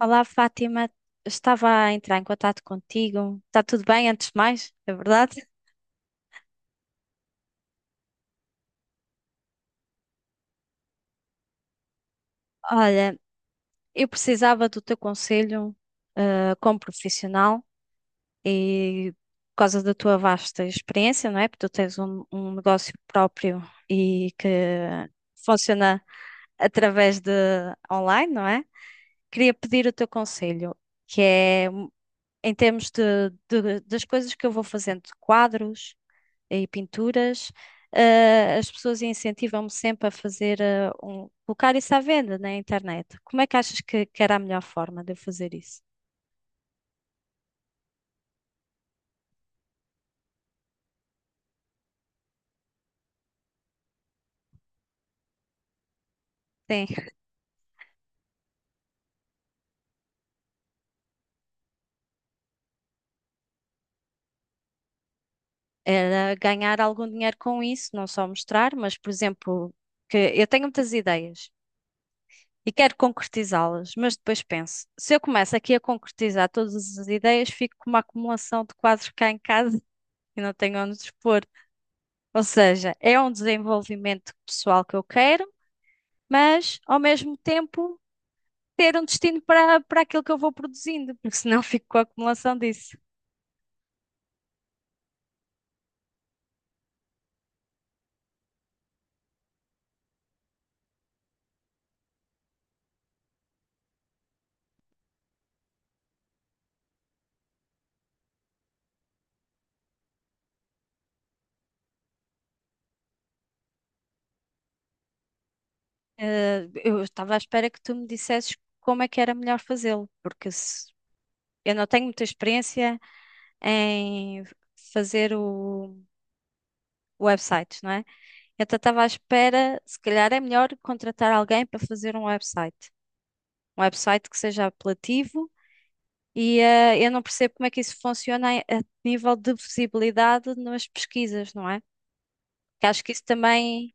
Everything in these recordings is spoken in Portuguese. Olá, Fátima. Estava a entrar em contato contigo. Está tudo bem, antes de mais, é verdade? Olha, eu precisava do teu conselho, como profissional e por causa da tua vasta experiência, não é? Porque tu tens um negócio próprio e que funciona através de online, não é? Queria pedir o teu conselho, que é em termos das coisas que eu vou fazendo, de quadros e pinturas. As pessoas incentivam-me sempre a fazer, colocar isso à venda na internet. Como é que achas que era a melhor forma de eu fazer isso? Sim, era ganhar algum dinheiro com isso, não só mostrar, mas, por exemplo, que eu tenho muitas ideias e quero concretizá-las, mas depois penso, se eu começo aqui a concretizar todas as ideias, fico com uma acumulação de quadros cá em casa e não tenho onde expor. Ou seja, é um desenvolvimento pessoal que eu quero, mas ao mesmo tempo ter um destino para aquilo que eu vou produzindo, porque senão fico com a acumulação disso. Eu estava à espera que tu me dissesses como é que era melhor fazê-lo, porque se- eu não tenho muita experiência em fazer o website, não é? Então estava à espera, se calhar é melhor contratar alguém para fazer um website. Um website que seja apelativo e eu não percebo como é que isso funciona a nível de visibilidade nas pesquisas, não é? Que acho que isso também.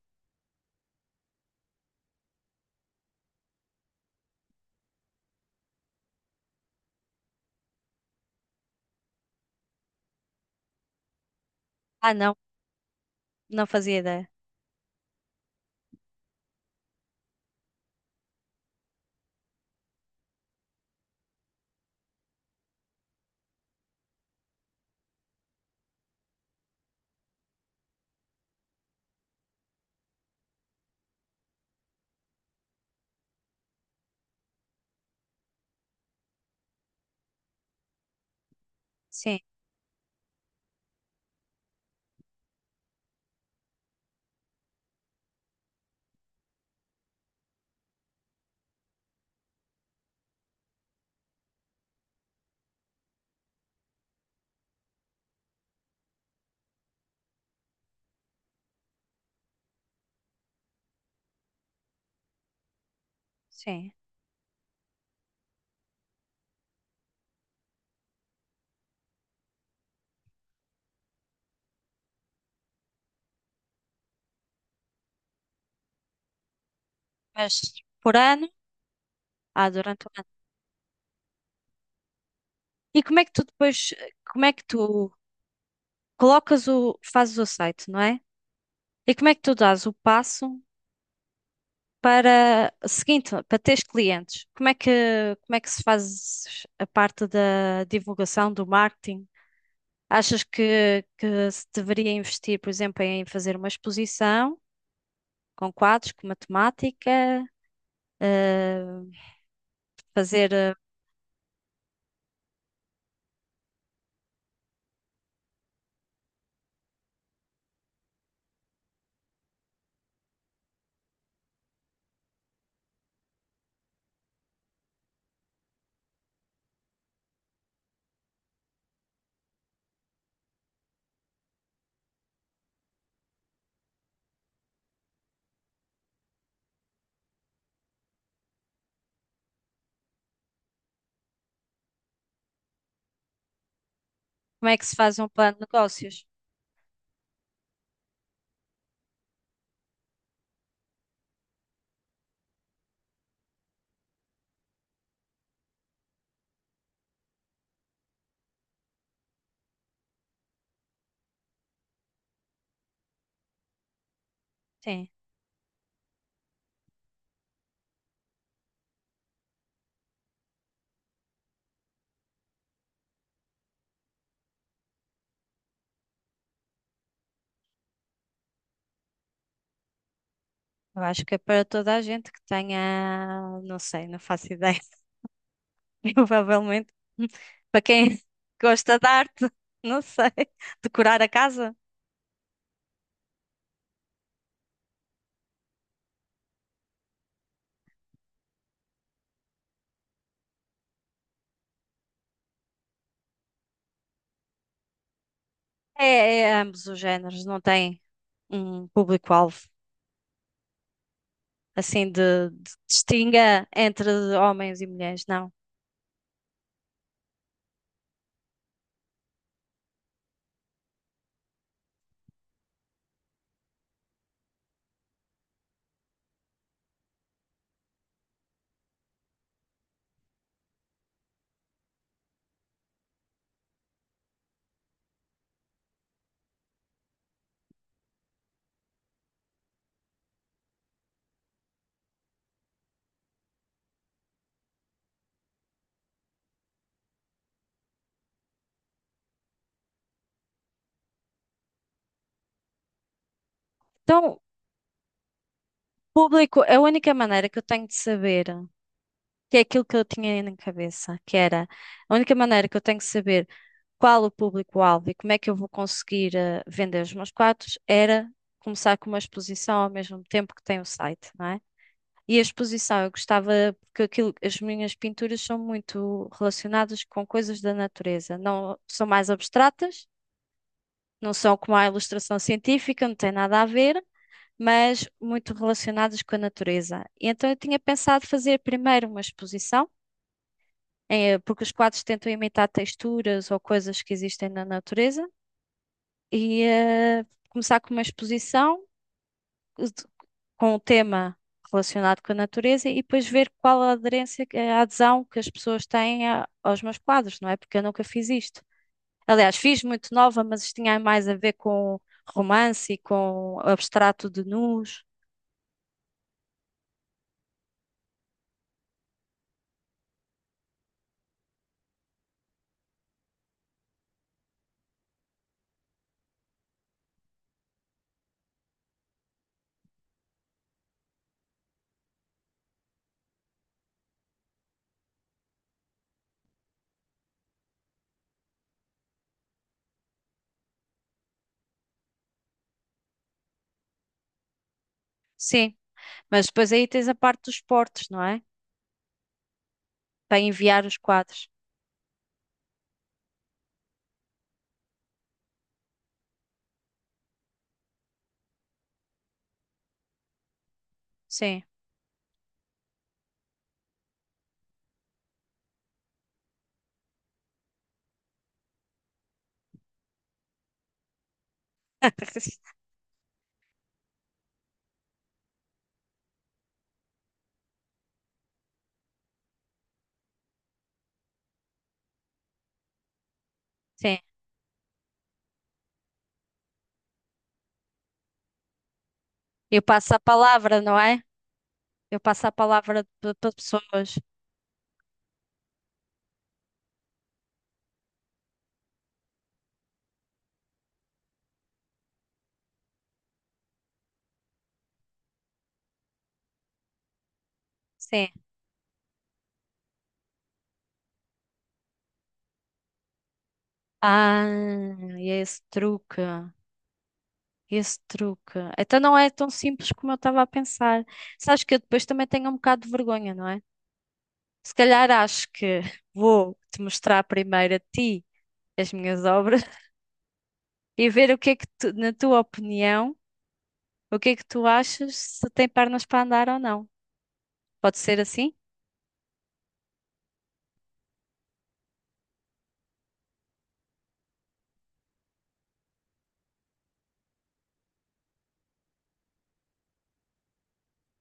Ah, não, não fazia ideia. Sim, sim. Mas por ano? Ah, durante o ano. E como é que tu depois, como é que tu colocas o, fazes o site, não é? E como é que tu dás o passo para seguinte, para teres clientes? Como é que se faz a parte da divulgação, do marketing? Achas que se deveria investir, por exemplo, em fazer uma exposição com quadros, com matemática, eh, fazer, eh, como é que se faz um plano de negócios? Sim. Eu acho que é para toda a gente que tenha, não sei, não faço ideia, provavelmente. Para quem gosta de arte, não sei, decorar a casa. É, é ambos os géneros, não tem um público-alvo assim de distinga entre homens e mulheres, não. Então, público, a única maneira que eu tenho de saber, que é aquilo que eu tinha na cabeça, que era a única maneira que eu tenho de saber qual o público-alvo e como é que eu vou conseguir vender os meus quadros, era começar com uma exposição ao mesmo tempo que tem o site, não é? E a exposição, eu gostava, porque aquilo, as minhas pinturas são muito relacionadas com coisas da natureza, não são mais abstratas, não são como a ilustração científica, não tem nada a ver, mas muito relacionadas com a natureza. E então eu tinha pensado fazer primeiro uma exposição, porque os quadros tentam imitar texturas ou coisas que existem na natureza, e começar com uma exposição de- com o tema relacionado com a natureza e depois ver qual a aderência, a adesão que as pessoas têm aos meus quadros, não é? Porque eu nunca fiz isto. Aliás, fiz muito nova, mas isto tinha mais a ver com romance e com abstrato de nus. Sim, mas depois aí tens a parte dos portos, não é? Para enviar os quadros. Sim. Sim. Eu passo a palavra, não é? Eu passo a palavra para pessoas. Sim. Ah, e é esse truque. Esse truque. Então não é tão simples como eu estava a pensar. Sabes que eu depois também tenho um bocado de vergonha, não é? Se calhar acho que vou te mostrar primeiro a ti as minhas obras e ver o que é que tu, na tua opinião, o que é que tu achas se tem pernas para andar ou não. Pode ser assim?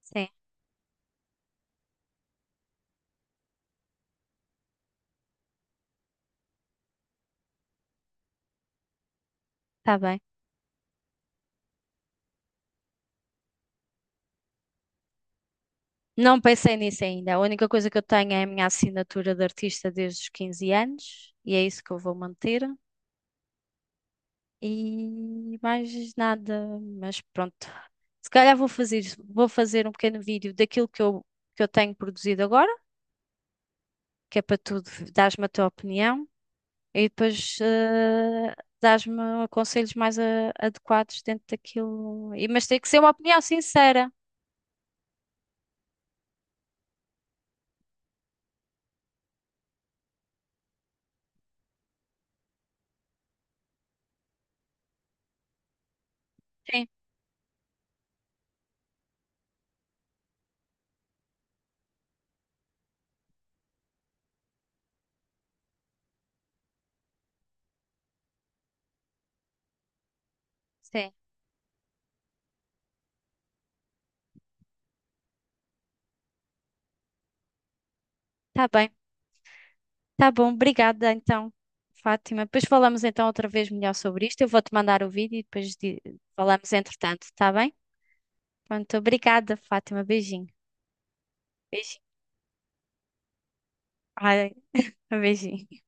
Sim, está bem. Não pensei nisso ainda. A única coisa que eu tenho é a minha assinatura de artista desde os 15 anos e é isso que eu vou manter. E mais nada, mas pronto. Se calhar vou fazer um pequeno vídeo daquilo que que eu tenho produzido agora, que é para tu dares-me a tua opinião e depois dares-me conselhos mais adequados dentro daquilo. E, mas tem que ser uma opinião sincera. Sim, sim. Tá bem. Tá bom, obrigada então, Fátima. Depois falamos então outra vez melhor sobre isto. Eu vou-te mandar o vídeo e depois falamos entretanto, tá bem? Pronto, obrigada, Fátima. Beijinho. Beijinho. Ai, um beijinho.